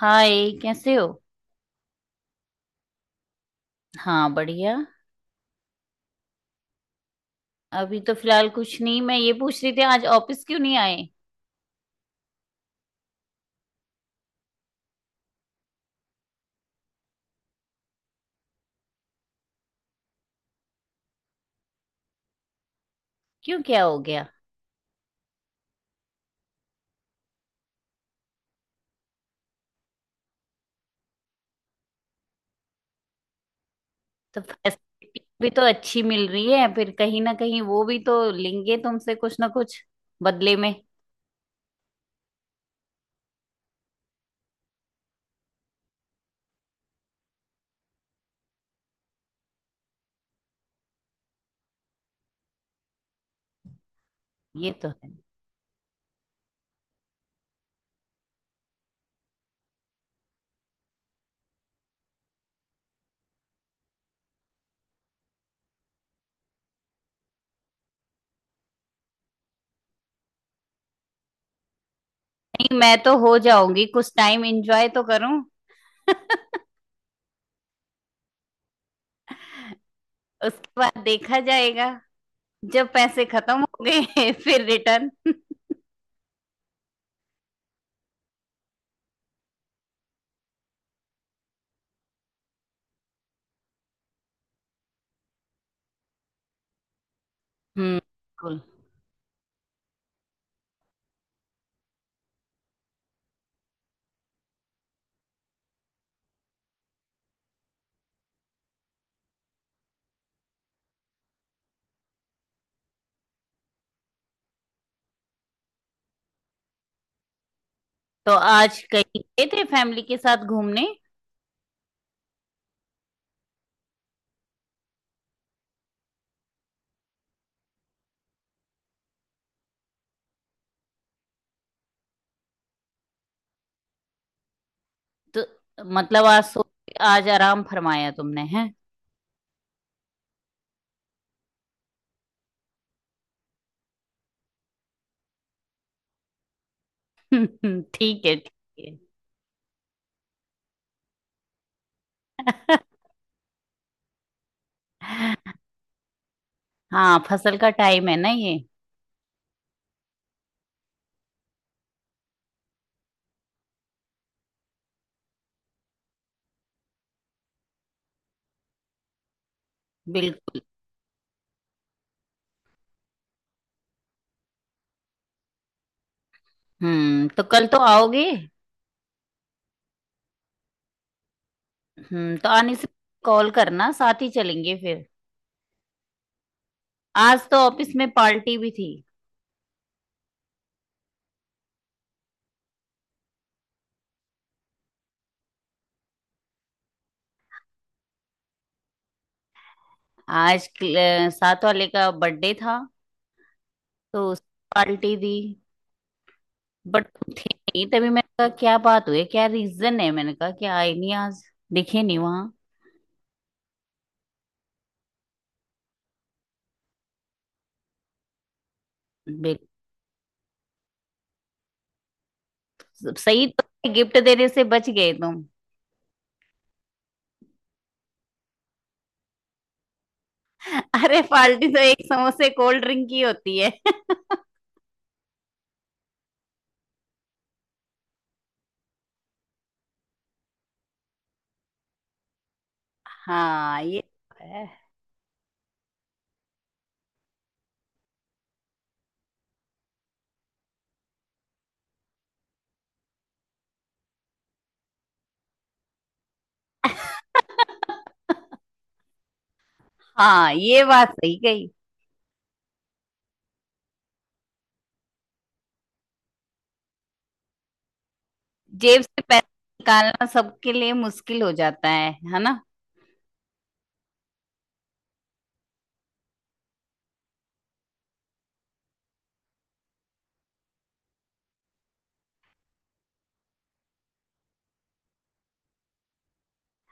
हाय। कैसे हो? हाँ, बढ़िया। अभी तो फिलहाल कुछ नहीं। मैं ये पूछ रही थी आज ऑफिस क्यों नहीं आए। क्यों? क्या हो गया? तो फैसिलिटी भी तो अच्छी मिल रही है, फिर कहीं ना कहीं वो भी तो लेंगे तुमसे कुछ ना कुछ बदले में। ये तो है। नहीं, मैं तो हो जाऊंगी, कुछ टाइम एंजॉय तो करूं। उसके बाद देखा जाएगा। जब पैसे खत्म हो गए फिर रिटर्न। हम्म, बिल्कुल। तो आज कहीं गए थे फैमिली के साथ घूमने? तो मतलब आज आराम फरमाया तुमने, है? ठीक है, ठीक है। हाँ, फसल का टाइम है ना ये। बिल्कुल। हम्म, तो कल तो आओगे? हम्म, तो आने से कॉल करना, साथ ही चलेंगे फिर। आज तो ऑफिस में पार्टी भी थी। आज क्ल- साथ वाले का बर्थडे था। तो उस पार्टी दी। बट नहीं, तभी मैंने कहा क्या बात हुई, क्या रीजन है, मैंने कहा कि आए नहीं आज, दिखे नहीं वहां। बिल- सही, तो गिफ्ट देने से बच गए तुम। अरे, पार्टी तो एक समोसे कोल्ड ड्रिंक की होती है। हाँ, ये तो है। हाँ, ये बात सही कही। जेब से पैसा निकालना सबके लिए मुश्किल हो जाता है ना?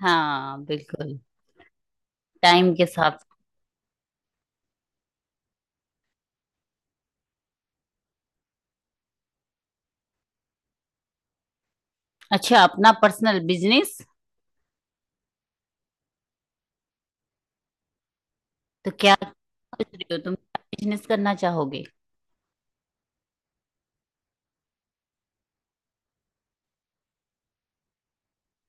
हाँ, बिल्कुल। टाइम के साथ। अच्छा, अपना पर्सनल बिजनेस? तो क्या सोच रही हो तुम? क्या बिजनेस करना चाहोगे?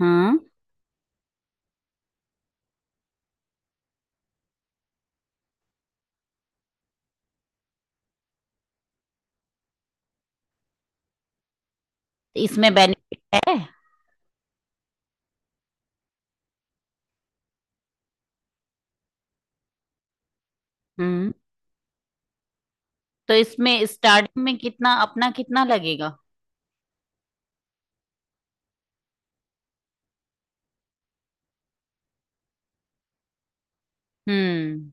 हम्म। तो इसमें बेनिफिट है? हम्म, तो इसमें स्टार्टिंग में कितना लगेगा? हम्म।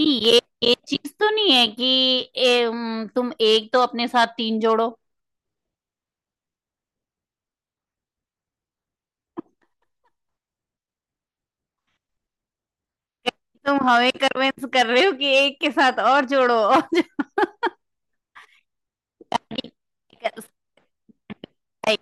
नहीं, ये चीज तो नहीं है कि तुम एक तो अपने साथ तीन जोड़ो। तुम हमें कन्विंस कर रहे हो कि एक के साथ और जोड़ो और? साइ-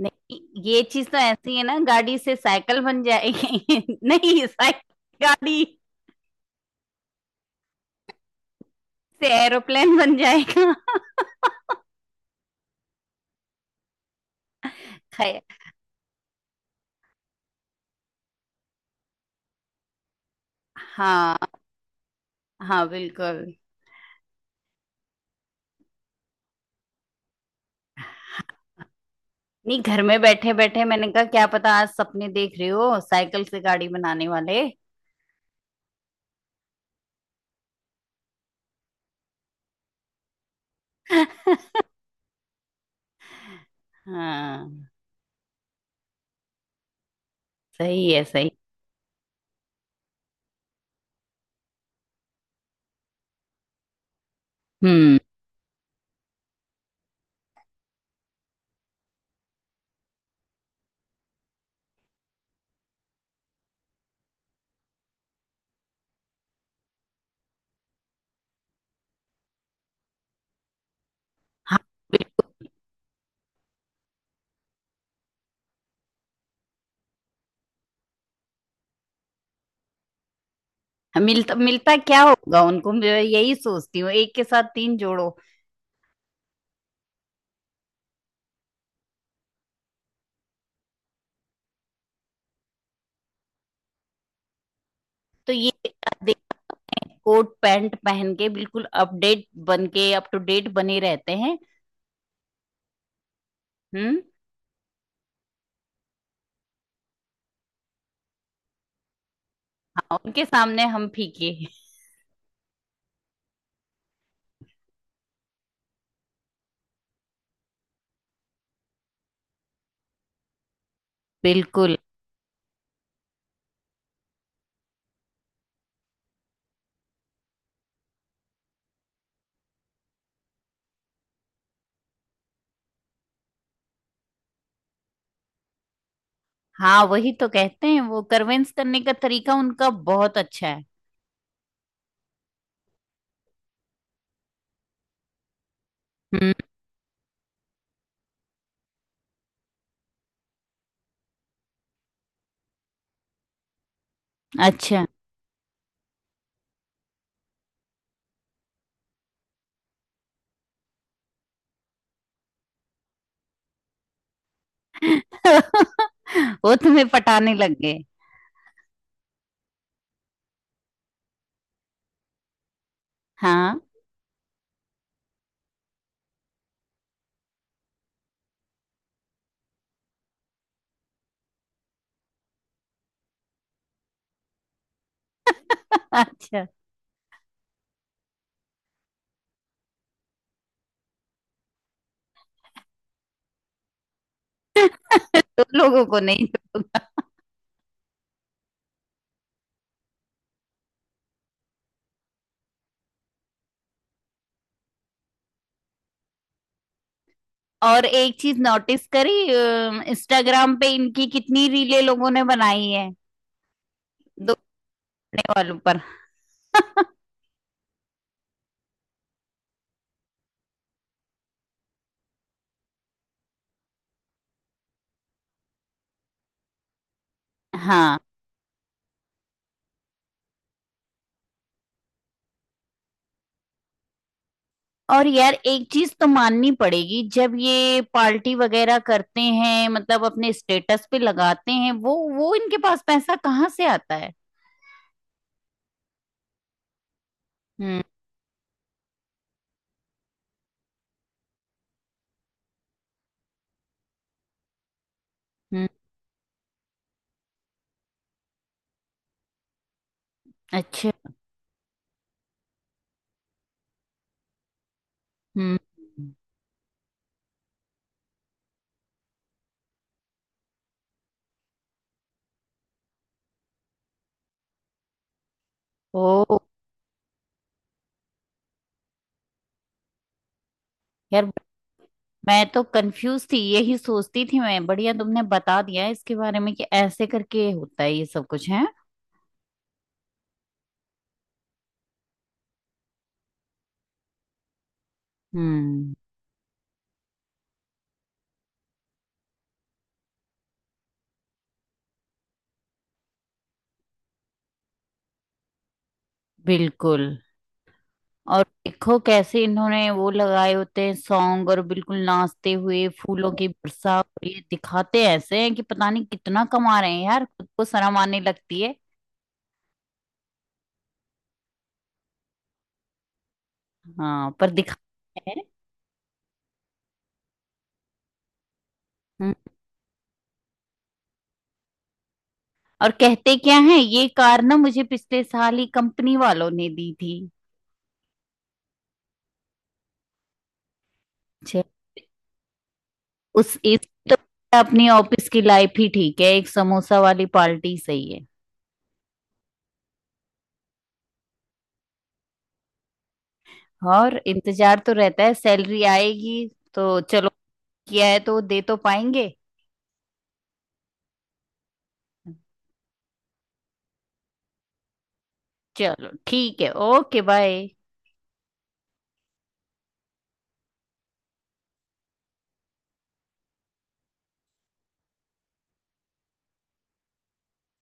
नहीं, ये चीज तो ऐसी है ना, गाड़ी से साइकिल बन जाएगी। नहीं, साइकिल गाड़ी से एरोप्लेन बन जाएगा। खैर। हाँ। हाँ, बिल्कुल। नहीं, घर में बैठे बैठे मैंने कहा क्या पता, आज सपने देख रहे हो साइकिल से गाड़ी बनाने वाले। हाँ, सही है, सही। हम्म। हाँ। मिलता मिलता क्या होगा उनको, मैं यही सोचती हूँ, एक के साथ तीन जोड़ो। तो ये देख, कोट पैंट पहन के बिल्कुल अपडेट बन के, अप टू डेट बने रहते हैं। हम्म। हाँ, उनके सामने हम फीके। बिल्कुल। हाँ, वही तो कहते हैं वो, करवेंस करने का तरीका उनका बहुत अच्छा है। हम्म। अच्छा। वो तुम्हें पटाने लग गए। हाँ। अच्छा। दो लोगों को? नहीं। और एक चीज नोटिस करी, इंस्टाग्राम पे इनकी कितनी रीले लोगों ने बनाई है, दौड़ने वालों पर। हाँ। और यार एक चीज तो माननी पड़ेगी, जब ये पार्टी वगैरह करते हैं, मतलब अपने स्टेटस पे लगाते हैं वो इनके पास पैसा कहाँ से आता है? हम्म, हम्म। अच्छा। हम्म। ओ। यार, मैं तो कंफ्यूज थी, यही सोचती थी मैं। बढ़िया, तुमने बता दिया इसके बारे में कि ऐसे करके होता है ये सब कुछ है। हम्म। बिल्कुल। और देखो कैसे इन्होंने वो लगाए होते हैं सॉन्ग और बिल्कुल नाचते हुए फूलों की वर्षा, और ये दिखाते ऐसे हैं कि पता नहीं कितना कमा रहे हैं, यार खुद को शर्म आने लगती है। हाँ, पर दिखाते हैं। हम्म। और कहते क्या है, ये कार ना मुझे पिछले साल ही कंपनी वालों ने दी थी। छे। उस इस तो अपनी ऑफिस की लाइफ ही ठीक है, एक समोसा वाली पार्टी सही है। और इंतजार तो रहता है, सैलरी आएगी। तो चलो, किया है तो दे तो पाएंगे। चलो, ठीक है, ओके, बाय।